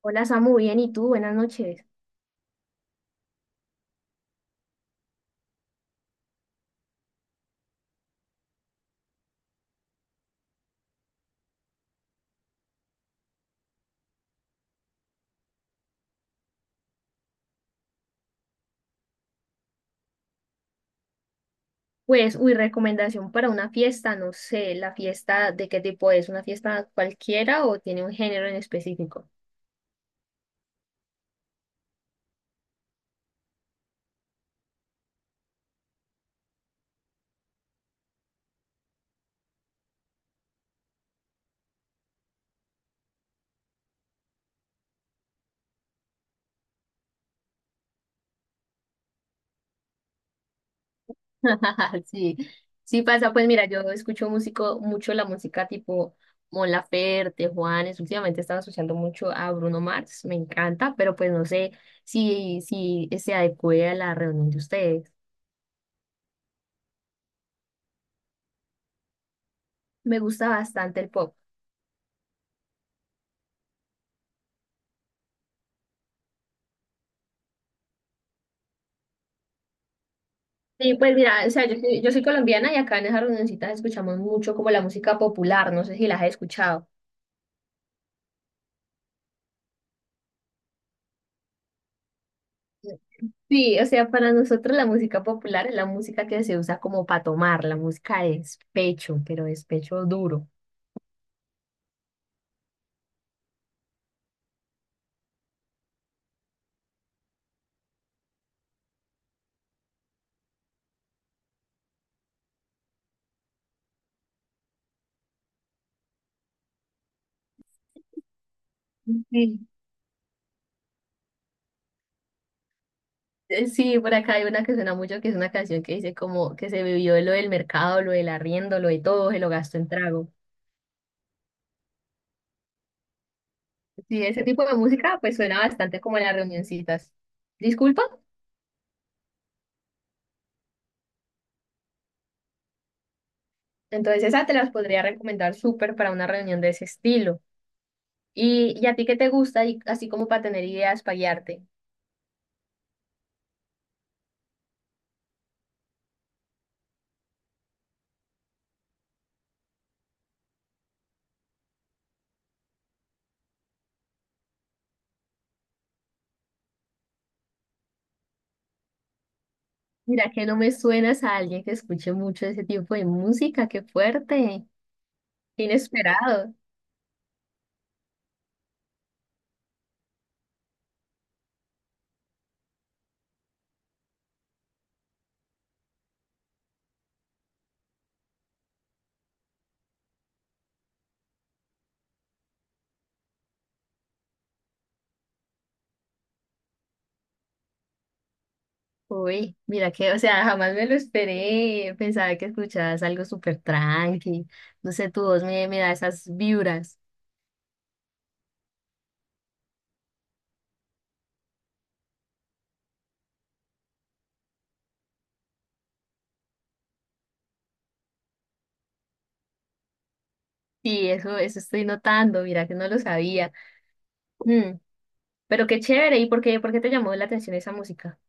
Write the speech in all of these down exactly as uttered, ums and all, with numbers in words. Hola Samu, bien, ¿y tú? Buenas noches. Pues, uy, recomendación para una fiesta, no sé, la fiesta de qué tipo es, ¿una fiesta cualquiera o tiene un género en específico? Sí, sí pasa, pues mira, yo escucho músico, mucho la música tipo Mon Laferte, Juanes, últimamente estaba asociando mucho a Bruno Mars, me encanta, pero pues no sé si, si se adecue a la reunión de ustedes. Me gusta bastante el pop. Sí, pues mira, o sea, yo soy, yo soy colombiana y acá en esas reunioncitas escuchamos mucho como la música popular, no sé si las has escuchado. Sí, o sea, para nosotros la música popular es la música que se usa como para tomar, la música de despecho, pero despecho duro. Sí. Eh, Sí, por acá hay una que suena mucho, que es una canción que dice como que se vivió lo del mercado, lo del arriendo, lo de todo, se lo gastó en trago. Sí, ese tipo de música pues suena bastante como en las reunioncitas. Disculpa, entonces esa te las podría recomendar súper para una reunión de ese estilo. ¿Y, y a ti qué te gusta? Y así como para tener ideas, para guiarte. Mira que no me suenas a alguien que escuche mucho ese tipo de música, qué fuerte, qué inesperado. Uy, mira que, o sea, jamás me lo esperé, pensaba que escuchabas algo súper tranqui, no sé, tu voz me, me da esas vibras. Sí, eso, eso estoy notando, mira que no lo sabía. Mm, pero qué chévere, ¿y por qué, por qué te llamó la atención esa música?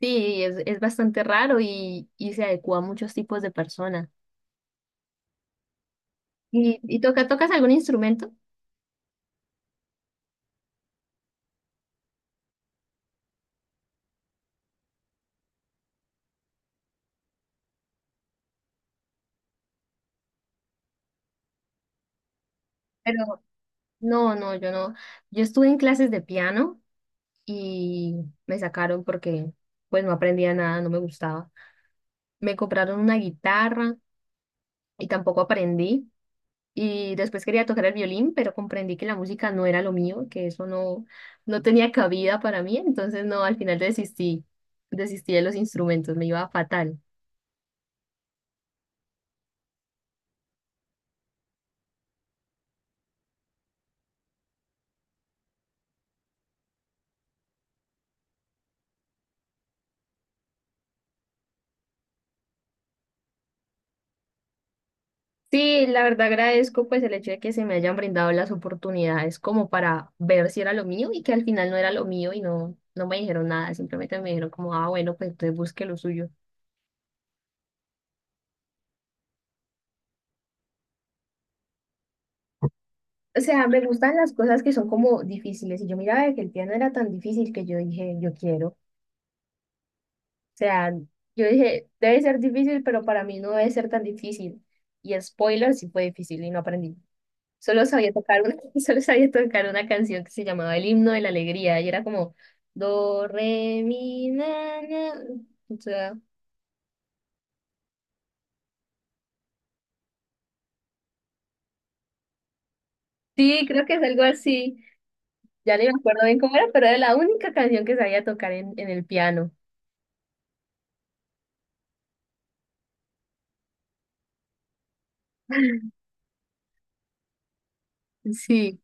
Sí, es, es bastante raro y, y se adecua a muchos tipos de personas. ¿Y, y toca, tocas algún instrumento? Pero no, no, yo no. Yo estuve en clases de piano y me sacaron porque pues no aprendía nada, no me gustaba. Me compraron una guitarra y tampoco aprendí. Y después quería tocar el violín, pero comprendí que la música no era lo mío, que eso no, no tenía cabida para mí. Entonces no, al final desistí, desistí de los instrumentos, me iba fatal. Sí, la verdad agradezco pues el hecho de que se me hayan brindado las oportunidades como para ver si era lo mío y que al final no era lo mío y no, no me dijeron nada, simplemente me dijeron como, ah, bueno, pues entonces busque lo suyo. O sea, me gustan las cosas que son como difíciles y yo miraba que el piano era tan difícil que yo dije, yo quiero. O sea, yo dije, debe ser difícil, pero para mí no debe ser tan difícil. Y spoiler, sí fue difícil y no aprendí. Solo sabía tocar una, solo sabía tocar una canción que se llamaba El himno de la alegría y era como do re mi na na. O sea, sí, creo que es algo así. Ya ni me acuerdo bien cómo era, pero era la única canción que sabía tocar en, en el piano. Sí,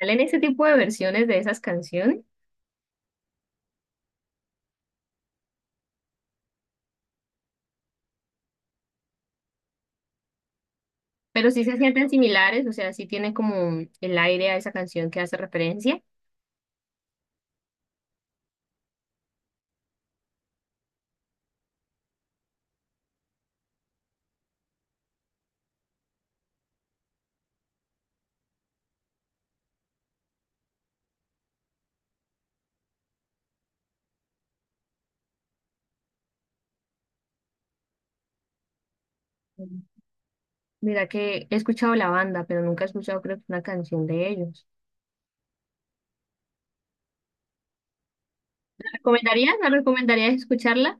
salen ese tipo de versiones de esas canciones, pero sí se sienten similares, o sea, sí tiene como el aire a esa canción que hace referencia. Mm. Mira que he escuchado la banda, pero nunca he escuchado creo que una canción de ellos. ¿La ¿Recomendarías? ¿Me recomendarías escucharla?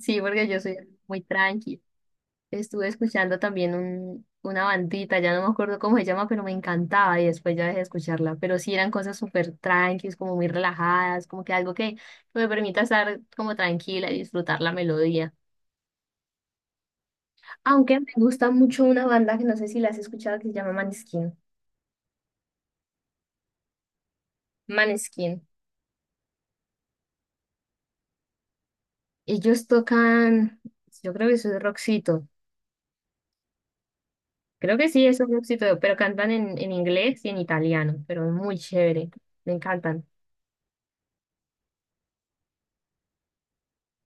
Sí, porque yo soy muy tranqui. Estuve escuchando también un, una bandita, ya no me acuerdo cómo se llama, pero me encantaba y después ya dejé de escucharla. Pero sí eran cosas súper tranquis, como muy relajadas, como que algo que, me permita estar como tranquila y disfrutar la melodía. Aunque me gusta mucho una banda que no sé si la has escuchado que se llama Maneskin. Maneskin. Ellos tocan, yo creo que eso es rockcito. Creo que sí, eso es rockcito, pero cantan en, en inglés y en italiano, pero es muy chévere. Me encantan.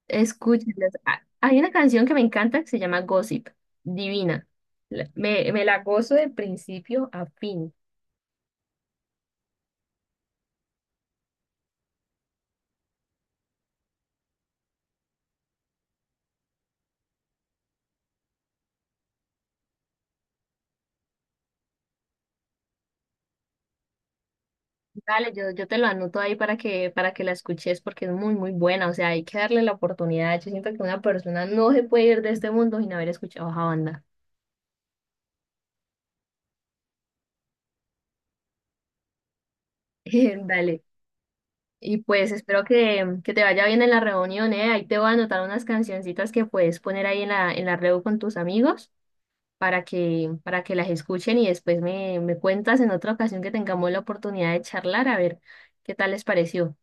Escúchenlas. Ah, hay una canción que me encanta que se llama Gossip, divina. La- Me, me la gozo de principio a fin. Dale, yo, yo te lo anoto ahí para que, para que la escuches porque es muy, muy buena. O sea, hay que darle la oportunidad. Yo siento que una persona no se puede ir de este mundo sin haber escuchado esa banda. Dale. Y pues espero que, que te vaya bien en la reunión, ¿eh? Ahí te voy a anotar unas cancioncitas que puedes poner ahí en la, en la reu con tus amigos. para que, para que las escuchen y después me, me cuentas en otra ocasión que tengamos la oportunidad de charlar a ver qué tal les pareció.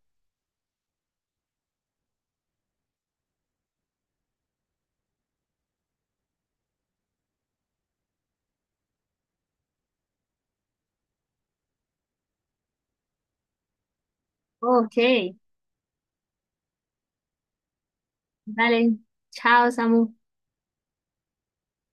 Ok, dale, chao, Samu.